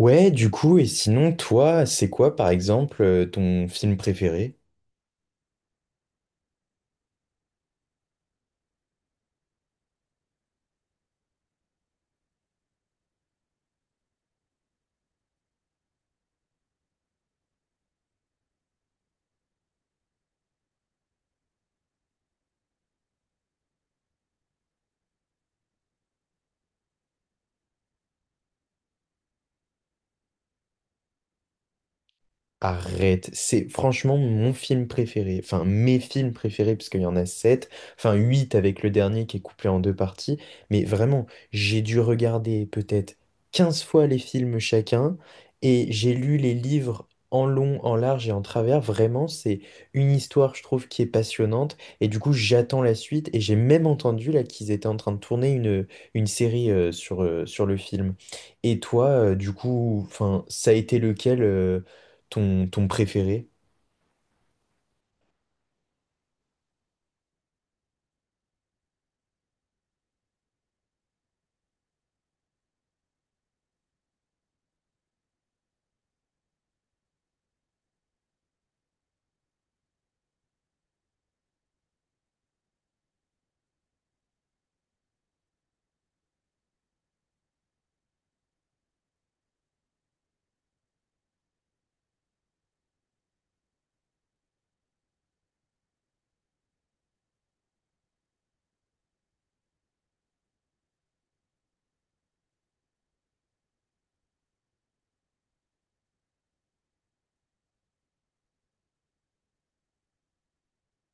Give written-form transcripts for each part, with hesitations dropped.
Ouais, du coup, et sinon, toi, c'est quoi, par exemple, ton film préféré? Arrête, c'est franchement mon film préféré, enfin mes films préférés, parce qu'il y en a sept, enfin huit avec le dernier qui est couplé en deux parties, mais vraiment, j'ai dû regarder peut-être 15 fois les films chacun, et j'ai lu les livres en long, en large et en travers. Vraiment, c'est une histoire, je trouve, qui est passionnante, et du coup, j'attends la suite, et j'ai même entendu là qu'ils étaient en train de tourner une série, sur le film. Et toi, du coup, enfin, ça a été lequel, ton préféré?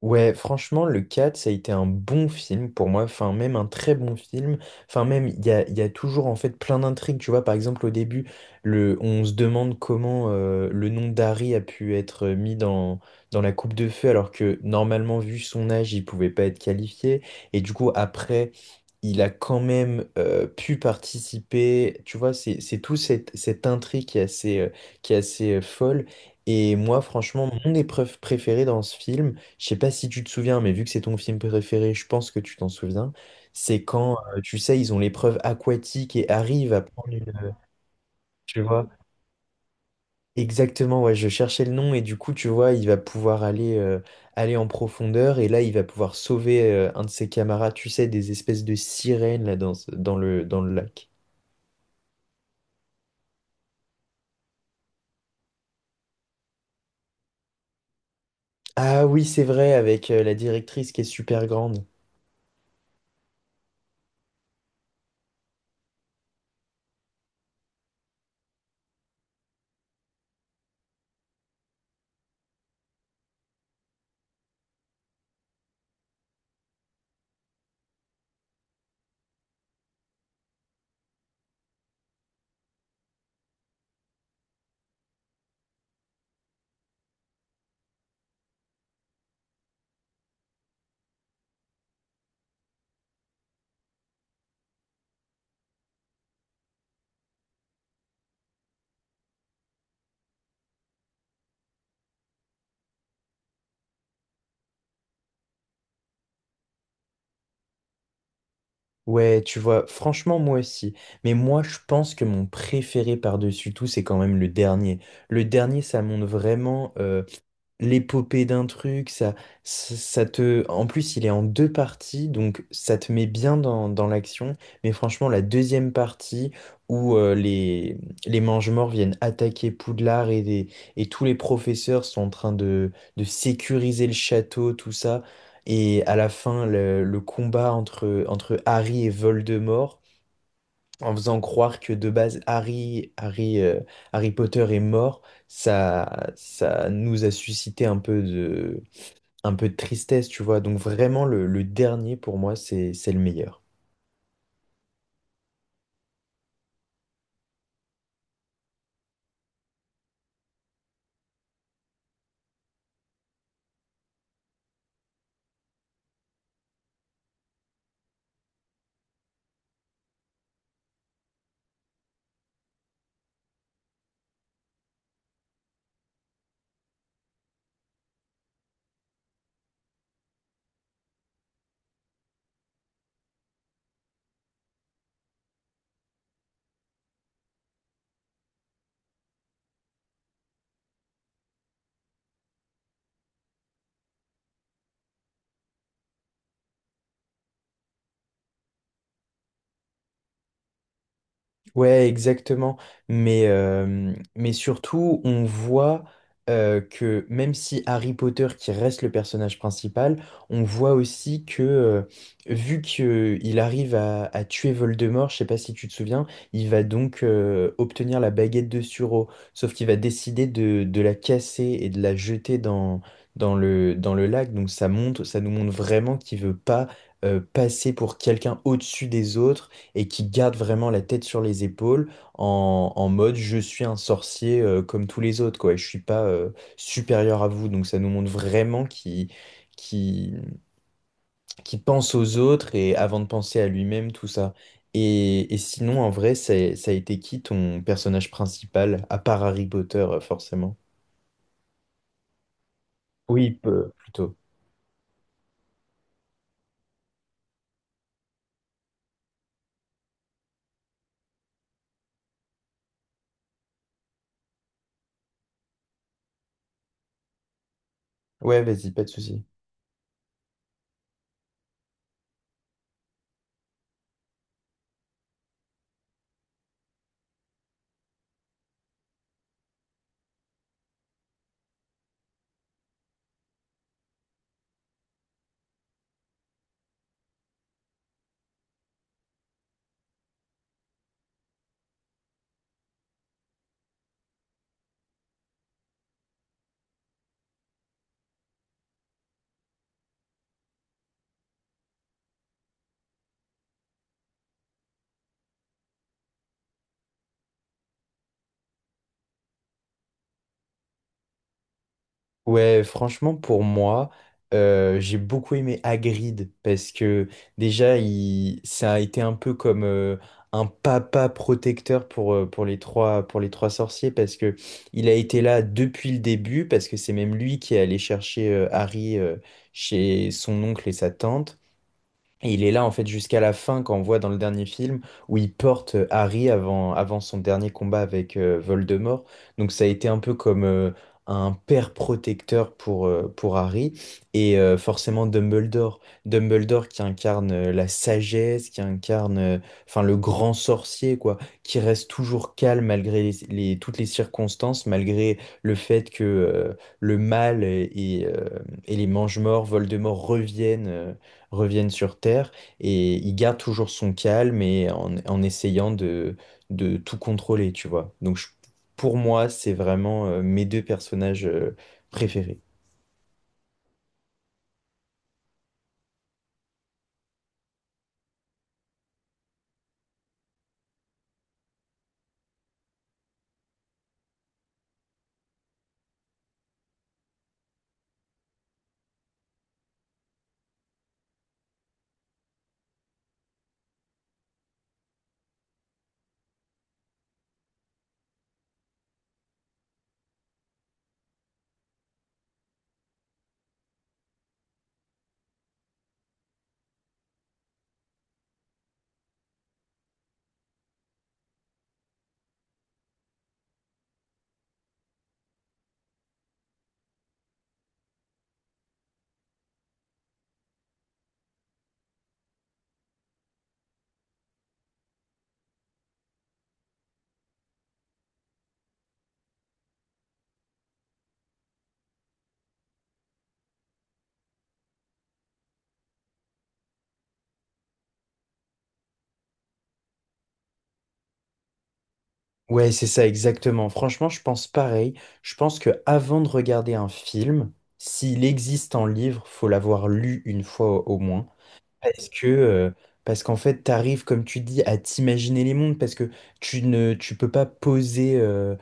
Ouais, franchement, le 4, ça a été un bon film pour moi, enfin même un très bon film. Enfin même il y a toujours en fait plein d'intrigues, tu vois. Par exemple au début, on se demande comment le nom d'Harry a pu être mis dans la coupe de feu alors que normalement vu son âge, il pouvait pas être qualifié, et du coup après, il a quand même pu participer, tu vois. C'est tout cette intrigue qui est assez folle. Et moi franchement, mon épreuve préférée dans ce film, je sais pas si tu te souviens, mais vu que c'est ton film préféré, je pense que tu t'en souviens. C'est quand, tu sais, ils ont l'épreuve aquatique et arrivent à prendre une… Tu vois? Exactement, ouais, je cherchais le nom, et du coup, tu vois, il va pouvoir aller, aller en profondeur, et là, il va pouvoir sauver, un de ses camarades, tu sais, des espèces de sirènes là, dans le lac. Ah oui, c'est vrai, avec, la directrice qui est super grande. Ouais, tu vois, franchement, moi aussi. Mais moi, je pense que mon préféré par-dessus tout, c'est quand même le dernier. Le dernier, ça montre vraiment, l'épopée d'un truc, ça te… En plus, il est en deux parties, donc ça te met bien dans l'action. Mais franchement, la deuxième partie, où les Mangemorts viennent attaquer Poudlard, et tous les professeurs sont en train de sécuriser le château, tout ça. Et à la fin, le combat entre Harry et Voldemort, en faisant croire que de base Harry Potter est mort, ça nous a suscité un peu de tristesse, tu vois. Donc vraiment, le dernier, pour moi, c'est le meilleur. Ouais, exactement. Mais surtout, on voit que même si Harry Potter, qui reste le personnage principal, on voit aussi que, vu qu'il arrive à tuer Voldemort, je sais pas si tu te souviens, il va donc obtenir la baguette de Suro. Sauf qu'il va décider de la casser et de la jeter dans le lac. Donc ça nous montre vraiment qu'il veut pas passer pour quelqu'un au-dessus des autres, et qui garde vraiment la tête sur les épaules, en mode je suis un sorcier comme tous les autres, quoi, et je suis pas supérieur à vous. Donc ça nous montre vraiment qui qui pense aux autres et avant de penser à lui-même, tout ça. Et sinon, en vrai, ça a été qui ton personnage principal, à part Harry Potter, forcément? Oui, plutôt. Ouais, vas-y, pas de souci. Ouais, franchement, pour moi, j'ai beaucoup aimé Hagrid, parce que déjà, ça a été un peu comme un papa protecteur pour les trois sorciers, parce que il a été là depuis le début, parce que c'est même lui qui est allé chercher Harry chez son oncle et sa tante. Et il est là en fait jusqu'à la fin, quand on voit dans le dernier film où il porte Harry avant, avant son dernier combat avec Voldemort. Donc ça a été un peu comme un père protecteur pour Harry, et forcément Dumbledore. Dumbledore qui incarne la sagesse, qui incarne enfin le grand sorcier quoi, qui reste toujours calme malgré toutes les circonstances, malgré le fait que le mal et les Mangemorts, Voldemort reviennent sur Terre, et il garde toujours son calme, et en essayant de tout contrôler, tu vois. Donc pour moi, c'est vraiment mes deux personnages préférés. Ouais, c'est ça exactement. Franchement, je pense pareil. Je pense que avant de regarder un film, s'il existe en livre, faut l'avoir lu une fois au moins. Parce que, euh, parce qu'en fait, t'arrives, comme tu dis, à t'imaginer les mondes, parce que tu peux pas poser.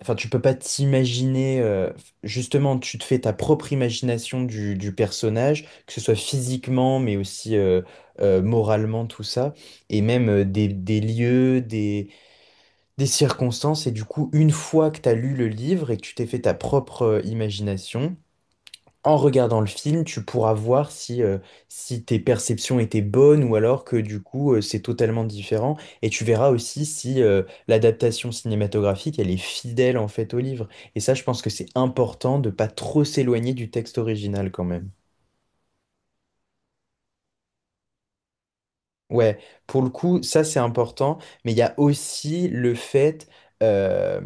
Enfin, tu peux pas t'imaginer, justement, tu te fais ta propre imagination du personnage, que ce soit physiquement, mais aussi moralement, tout ça, et même des lieux, des circonstances. Et du coup, une fois que tu as lu le livre et que tu t'es fait ta propre imagination, en regardant le film, tu pourras voir si tes perceptions étaient bonnes, ou alors que du coup c'est totalement différent. Et tu verras aussi si l'adaptation cinématographique elle est fidèle en fait au livre. Et ça, je pense que c'est important de pas trop s'éloigner du texte original, quand même. Ouais, pour le coup, ça c'est important, mais il y a aussi le fait euh,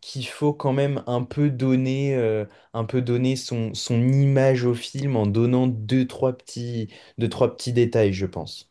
qu'il faut quand même un peu donner, un peu donner son image au film, en donnant deux, trois petits détails, je pense.